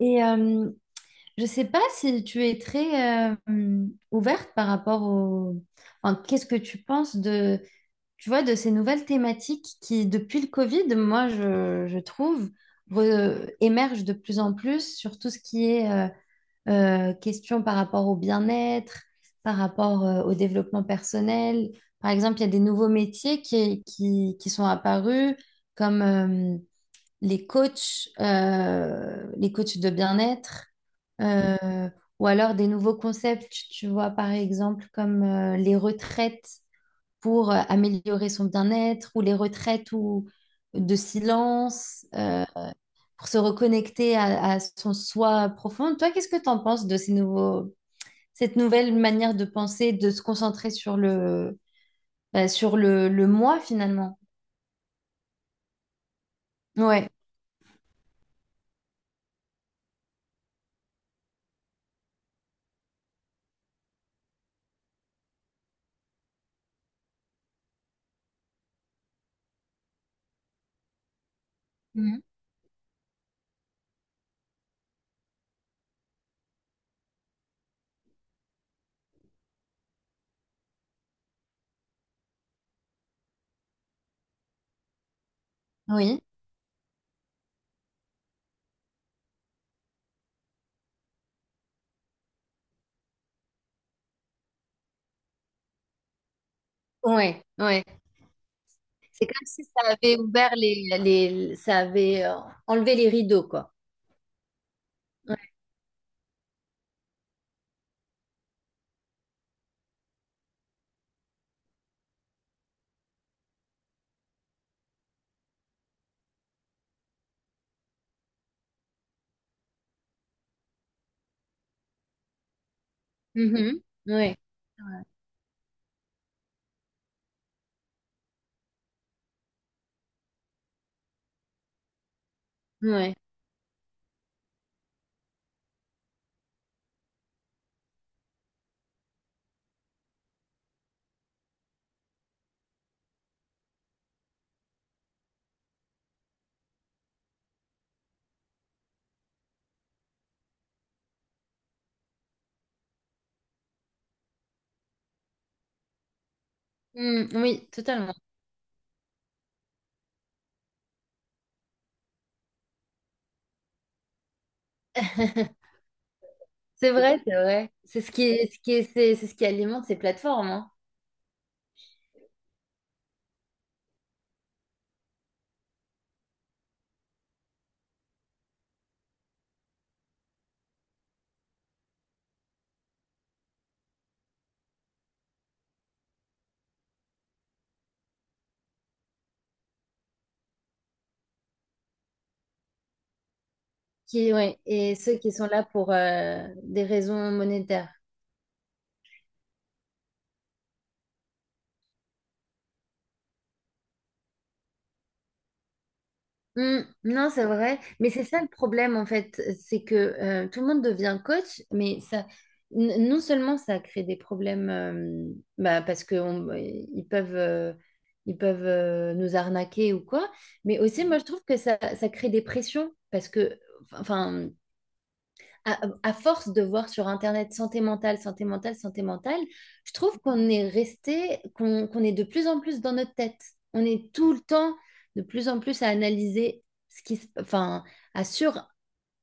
Et euh, je ne sais pas si tu es très ouverte par rapport au... qu'est-ce que tu penses de, tu vois, de ces nouvelles thématiques qui, depuis le Covid, moi, je trouve, émergent de plus en plus sur tout ce qui est question par rapport au bien-être, par rapport au développement personnel. Par exemple, il y a des nouveaux métiers qui sont apparus, comme les coachs de bien-être euh, ou alors des nouveaux concepts, tu vois, par exemple, comme les retraites pour améliorer son bien-être, ou les retraites ou de silence, pour se reconnecter à son soi profond. Toi, qu'est-ce que tu en penses de ces nouveaux, cette nouvelle manière de penser, de se concentrer sur sur le moi finalement? Ouais. Mhm. Oui. Ouais, ouais. C'est comme si ça avait ouvert ça avait enlevé les rideaux, quoi. Mhm. Ouais, ouais. Mm, oui, totalement. C'est vrai, c'est vrai. C'est c'est ce qui alimente ces plateformes, hein. Qui, ouais, et ceux qui sont là pour des raisons monétaires. Hmm, non, c'est vrai, mais c'est ça le problème en fait, c'est que tout le monde devient coach, mais ça, non seulement ça crée des problèmes, bah, parce que ils peuvent, nous arnaquer ou quoi, mais aussi moi je trouve que ça crée des pressions parce que, enfin, à force de voir sur Internet santé mentale, santé mentale, santé mentale, je trouve qu'on est resté, qu'on est de plus en plus dans notre tête. On est tout le temps de plus en plus à analyser ce qui se, enfin, à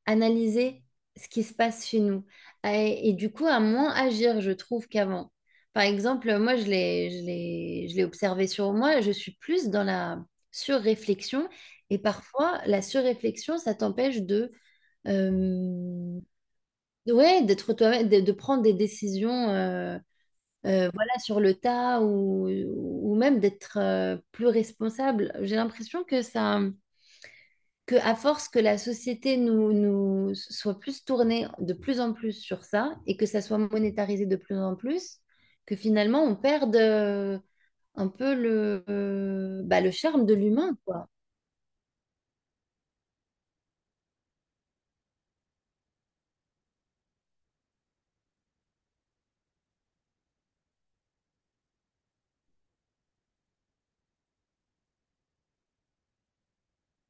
suranalyser ce qui se passe chez nous. Et du coup, à moins agir, je trouve, qu'avant. Par exemple, moi, je l'ai observé sur moi, je suis plus dans la surréflexion. Et parfois, la surréflexion, ça t'empêche de, euh, Ouais, d'être toi-même, de prendre des décisions voilà, sur le tas ou même d'être plus responsable. J'ai l'impression que ça, que à force que la société nous soit plus tournée de plus en plus sur ça et que ça soit monétarisé de plus en plus, que finalement on perde un peu bah, le charme de l'humain, quoi.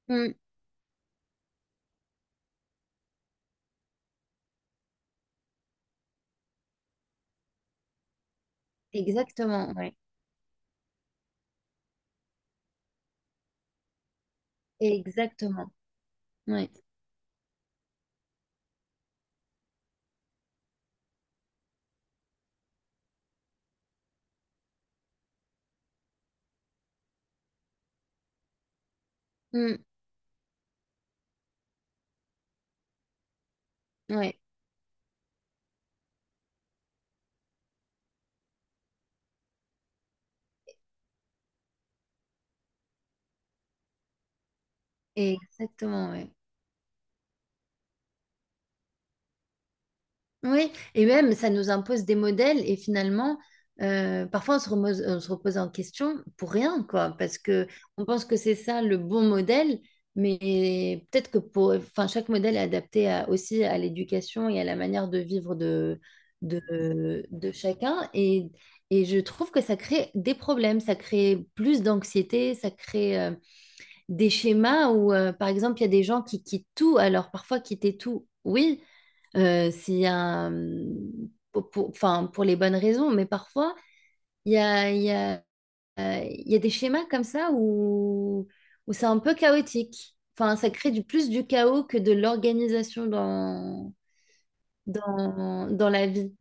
Mm. Exactement, ouais. Exactement, ouais. Mm. Ouais. Exactement, ouais. Oui, et même ça nous impose des modèles et finalement, parfois on on se repose, en question pour rien, quoi, parce que on pense que c'est ça le bon modèle, mais peut-être que pour, enfin, chaque modèle est adapté aussi à l'éducation et à la manière de vivre de, de chacun. Et je trouve que ça crée des problèmes, ça crée plus d'anxiété, ça crée des schémas où, par exemple, il y a des gens qui quittent tout. Alors, parfois, quitter tout, oui, c'est un... pour, enfin, pour les bonnes raisons, mais parfois, il y a, il y a, il y a des schémas comme ça où, où c'est un peu chaotique. Enfin, ça crée du plus du chaos que de l'organisation dans la vie,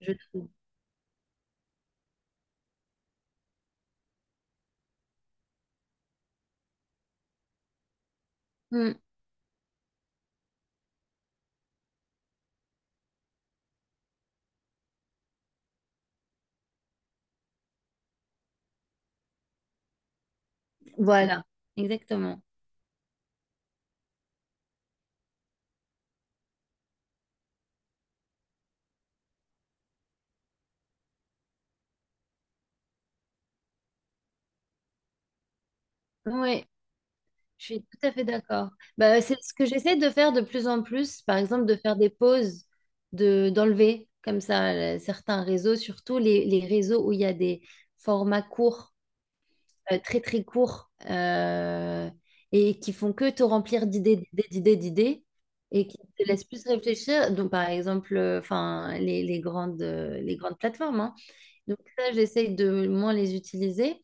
je trouve. Hmm, voilà, exactement. Oui, je suis tout à fait d'accord. Bah, c'est ce que j'essaie de faire de plus en plus, par exemple de faire des pauses, d'enlever comme ça certains réseaux, surtout les réseaux où il y a des formats courts, très très courts, et qui font que te remplir d'idées, d'idées, d'idées, d'idées, et qui te laissent plus réfléchir. Donc par exemple, enfin les grandes plateformes, hein. Donc ça, j'essaie de moins les utiliser.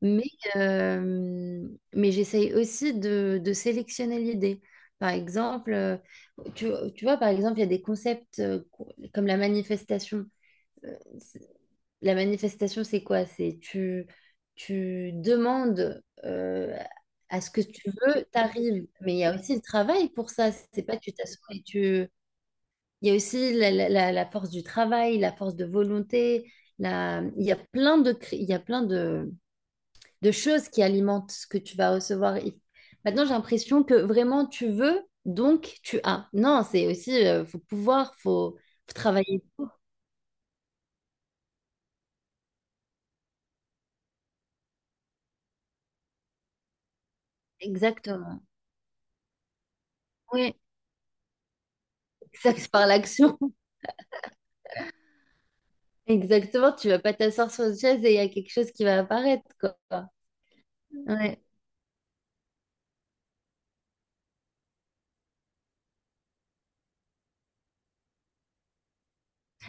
Mais, euh, mais j'essaye aussi de sélectionner l'idée. Par exemple, tu, tu vois, par exemple, il y a des concepts comme la manifestation. Euh, c'est- La manifestation, c'est quoi? Tu demandes à ce que tu veux, t'arrives. Mais il y a aussi le travail pour ça. C'est pas tu t'assois et tu... Il y a aussi la force du travail, la force de volonté. La... Il y a plein il y a plein de choses qui alimentent ce que tu vas recevoir. Maintenant, j'ai l'impression que vraiment tu veux, donc tu as. Non, c'est aussi, il faut pouvoir, il faut, faut travailler pour. Exactement. Oui, exact, par l'action. Exactement, tu vas pas t'asseoir sur une chaise et il y a quelque chose qui va apparaître, quoi. Ouais.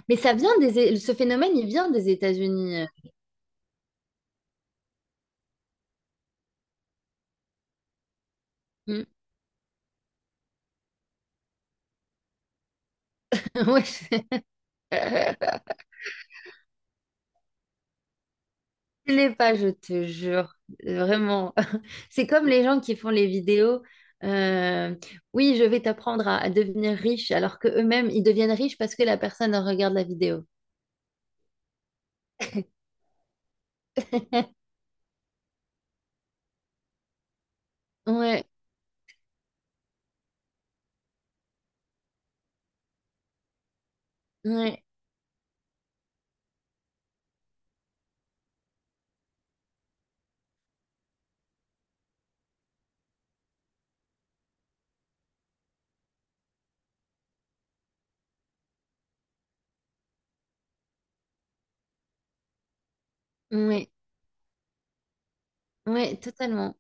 Mais ça vient des, ce phénomène, il vient des États-Unis. Mm. Ouais. je- Je l'ai pas, je te jure. Vraiment. C'est comme les gens qui font les vidéos. euh, oui, je vais t'apprendre à devenir riche, alors que eux-mêmes, ils deviennent riches parce que la personne regarde la vidéo. Ouais, ouais, ouais, ouais, totalement.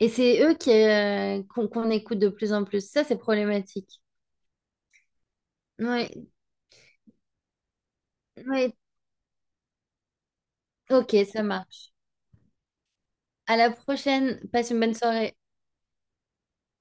Et c'est eux qui, qu'on, qu'on écoute de plus en plus. Ça, c'est problématique. Ouais, ouais. Ok, ça marche. À la prochaine. Passe une bonne soirée.